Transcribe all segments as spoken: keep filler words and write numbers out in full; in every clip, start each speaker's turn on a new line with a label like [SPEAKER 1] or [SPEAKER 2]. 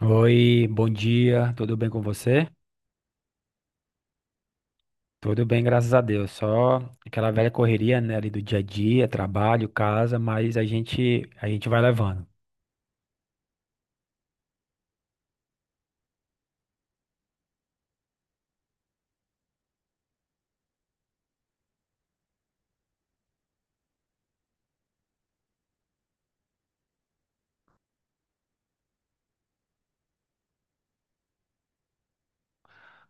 [SPEAKER 1] Oi, bom dia, tudo bem com você? Tudo bem, graças a Deus. Só aquela velha correria, né, ali do dia a dia, trabalho, casa, mas a gente a gente vai levando.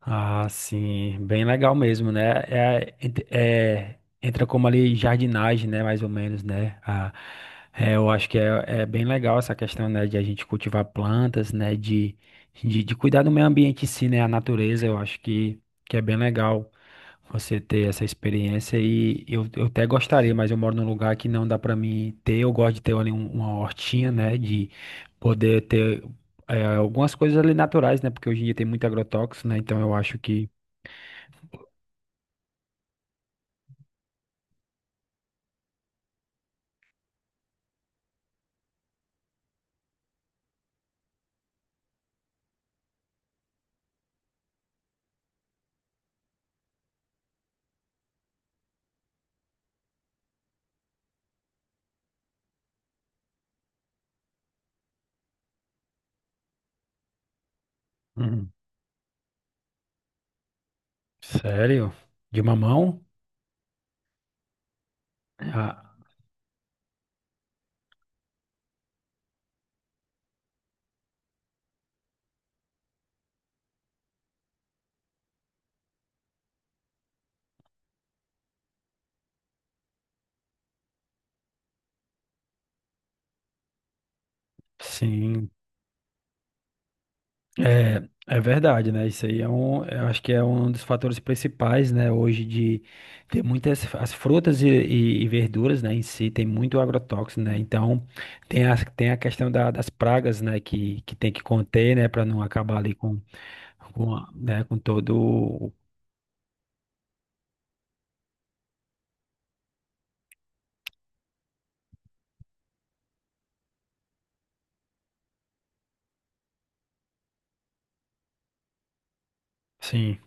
[SPEAKER 1] Ah, sim, bem legal mesmo, né? É, ent- é, entra como ali jardinagem, né? Mais ou menos, né? Ah, é, eu acho que é, é bem legal essa questão, né? De a gente cultivar plantas, né? De, de, de cuidar do meio ambiente em si, né? A natureza, eu acho que, que é bem legal você ter essa experiência, e eu, eu até gostaria, mas eu moro num lugar que não dá para mim ter. Eu gosto de ter ali um- uma hortinha, né? De poder ter é, algumas coisas ali naturais, né? Porque hoje em dia tem muito agrotóxico, né? Então eu acho que. Hum, sério? De mamão? Ah, sim. É, é verdade, né? Isso aí é um, é, eu acho que é um dos fatores principais, né? Hoje de ter muitas as frutas e, e- e verduras, né? Em si tem muito agrotóxico, né? Então tem a, tem a, questão da- das pragas, né? Que, que tem que conter, né? Para não acabar ali com, com, a- né? Com todo, o- sim.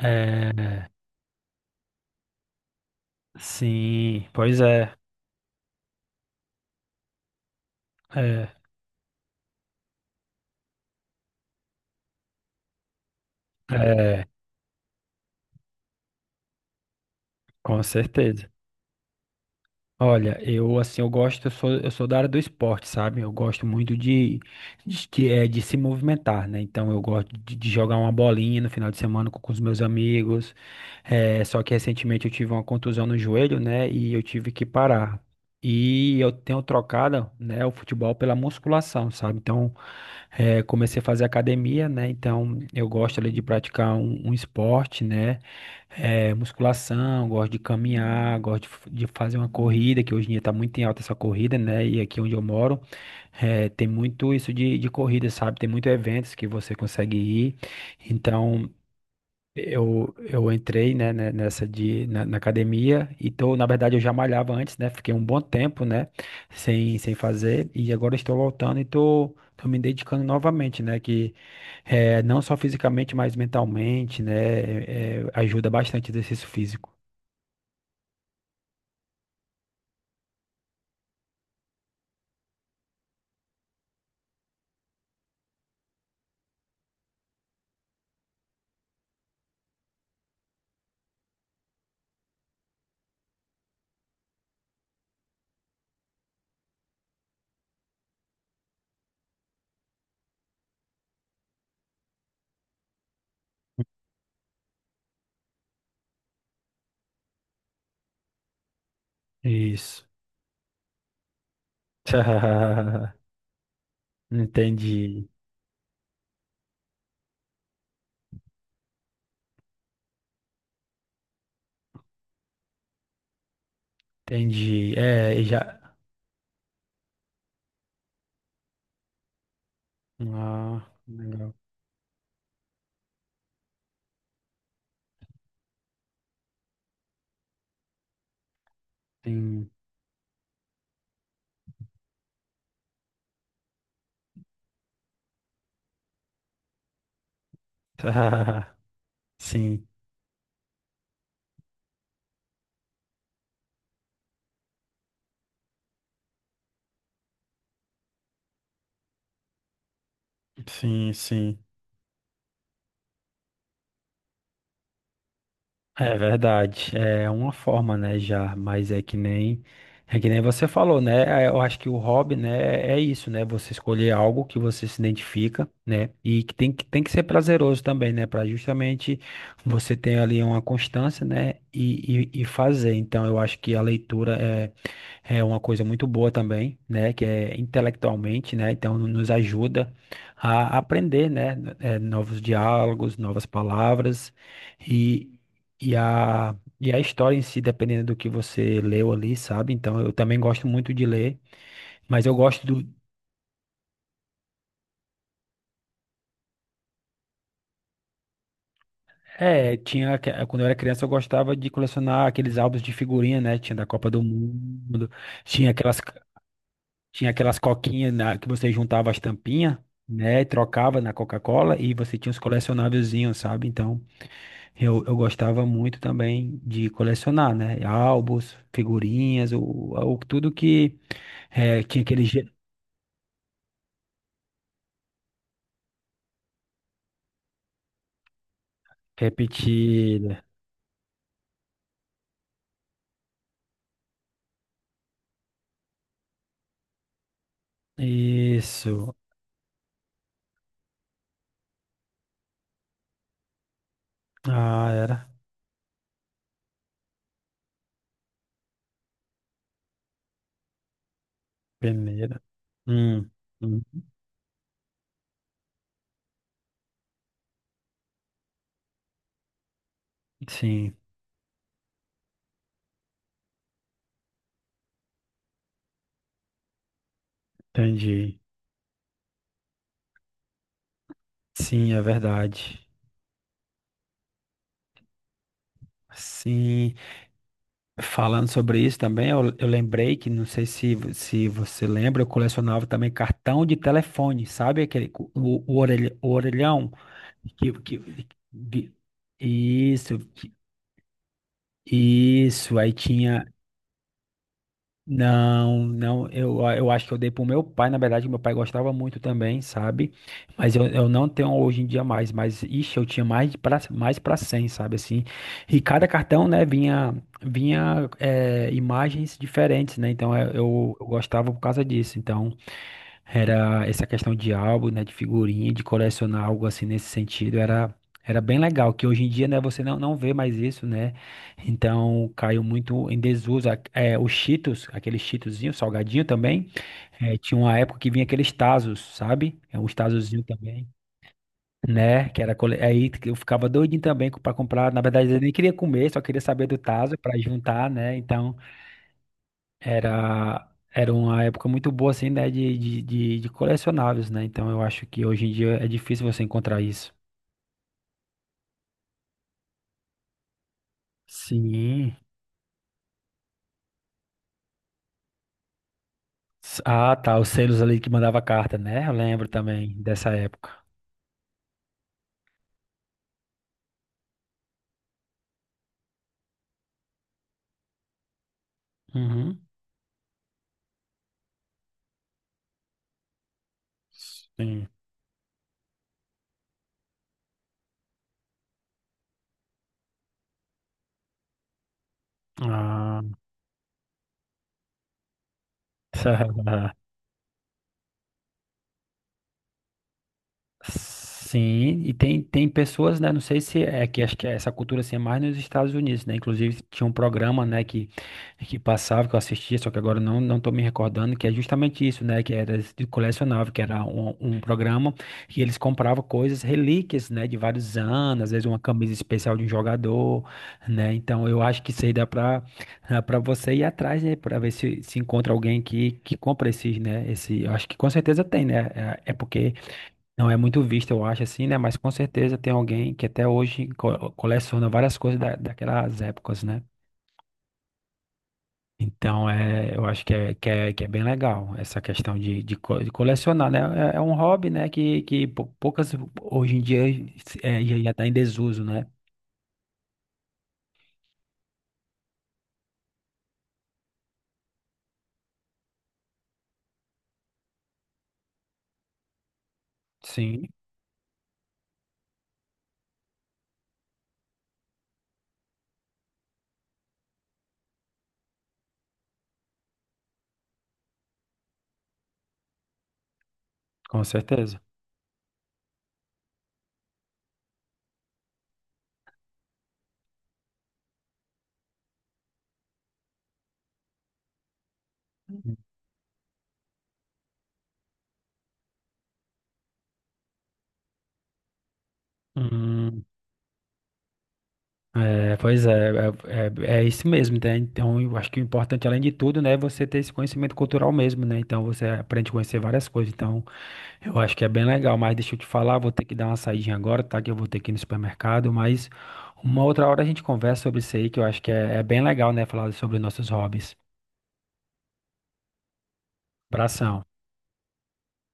[SPEAKER 1] É, sim, pois é, é, é, com certeza. Olha, eu assim, eu gosto, eu sou, eu sou da área do esporte, sabe? Eu gosto muito de, de, que é, de se movimentar, né? Então eu gosto de, de jogar uma bolinha no final de semana com, com os meus amigos. É, só que recentemente eu tive uma contusão no joelho, né? E eu tive que parar. E eu tenho trocado, né, o futebol pela musculação, sabe? Então, eh, comecei a fazer academia, né? Então, eu gosto ali de praticar um, um esporte, né? É, musculação, gosto de caminhar, gosto de, f- de fazer uma corrida, que hoje em dia tá muito em alta essa corrida, né? E aqui onde eu moro, é, tem muito isso de, de corrida, sabe? Tem muitos eventos que você consegue ir. Então, eu, eu entrei, né, né, nessa de, na, na academia, então, na verdade, eu já malhava antes, né, fiquei um bom tempo, né, sem, sem fazer, e agora estou voltando e tô, tô me dedicando novamente, né, que é, não só fisicamente, mas mentalmente, né, é, é, ajuda bastante o exercício físico. Isso. Entendi, entendi. É, e já... Ah, legal. Sim. Sim, sim, sim. É verdade, é uma forma, né, já, mas é que nem é que nem você falou, né? é, Eu acho que o hobby, né, é isso, né? Você escolher algo que você se identifica, né? E que tem que tem que ser prazeroso também, né, para justamente você ter ali uma constância, né, e, e, e fazer. Então, eu acho que a leitura é é uma coisa muito boa também, né, que é intelectualmente, né? Então, nos ajuda a aprender, né, eh, novos diálogos, novas palavras. E, e a, e a história em si, dependendo do que você leu ali, sabe? Então, eu também gosto muito de ler, mas eu gosto do. É, tinha. aque- Quando eu era criança, eu gostava de colecionar aqueles álbuns de figurinha, né? Tinha da Copa do Mundo, tinha aquelas, tinha aquelas coquinhas na- que você juntava as tampinhas, né? E trocava na Coca-Cola e você tinha os colecionávelzinhos, sabe? Então, eu, eu gostava muito também de colecionar, né? Álbuns, figurinhas, o, o, tudo que. É, tinha aquele Repetida. Isso. Ah, era. Peneira. Hum, hum, sim, entendi. Sim, é verdade. Sim, falando sobre isso também, eu, eu lembrei que, não sei se, vo- se você lembra, eu colecionava também cartão de telefone, sabe? Aquele, co- o, o, orelha- o orelhão. Que, que, que- isso, que- isso. Aí tinha. Não, não, eu, eu acho que eu dei pro meu pai, na verdade, meu pai gostava muito também, sabe? Mas eu, eu não tenho hoje em dia mais, mas ixi, eu tinha mais de pra, mais pra cem, sabe assim? E cada cartão, né, vinha vinha eh, imagens diferentes, né? Então eh, eu, eu gostava por causa disso. Então era essa questão de álbum, né, de figurinha, de colecionar algo assim nesse sentido, era era bem legal, que hoje em dia, né, você não, não vê mais isso, né? Então caiu muito em desuso. A- É, os Cheetos, aquele Cheetozinho salgadinho também. É, tinha uma época que vinha aqueles Tazos, sabe? É um Tazozinho também. Né? Que era cole- aí que eu ficava doidinho também para comprar. Na verdade, eu nem queria comer, só queria saber do taso para juntar, né? Então era era uma época muito boa assim, né? De, de, de, de colecionáveis, né? Então eu acho que hoje em dia é difícil você encontrar isso. Sim. S- Ah, tá. Os selos ali que mandava carta, né? Eu lembro também dessa época. Uhum. Sim. Ah. Sim, e tem, tem, pessoas, né? Não sei se é que acho que é essa cultura assim é mais nos Estados Unidos, né? Inclusive tinha um programa, né, que, que passava, que eu assistia, só que agora não, não tô me recordando, que é justamente isso, né? Que era de colecionável, que era um, um programa que eles compravam coisas, relíquias, né? De vários anos, às vezes uma camisa especial de um jogador, né? Então eu acho que isso aí dá pra, pra você ir atrás, né? Pra ver se, se encontra alguém que, que compra esses, né? Esse, eu acho que com certeza tem, né? É, é porque. Não é muito visto, eu acho, assim, né? Mas com certeza tem alguém que até hoje co- coleciona várias coisas da- daquelas épocas, né? Então, é, eu acho que é, que é, que é bem legal essa questão de, de, co- de colecionar, né? É, é um hobby, né? Que, que pou- poucas hoje em dia é, já está em desuso, né? Sim, com certeza. Hum, é, pois é, é, é, é isso mesmo, né? Então, eu acho que o importante, além de tudo, né, é você ter esse conhecimento cultural mesmo, né? Então, você aprende a conhecer várias coisas. Então, eu acho que é bem legal, mas deixa eu te falar, vou ter que dar uma saidinha agora, tá? Que eu vou ter que ir no supermercado, mas uma outra hora a gente conversa sobre isso aí, que eu acho que é, é bem legal, né? Falar sobre nossos hobbies. Abração.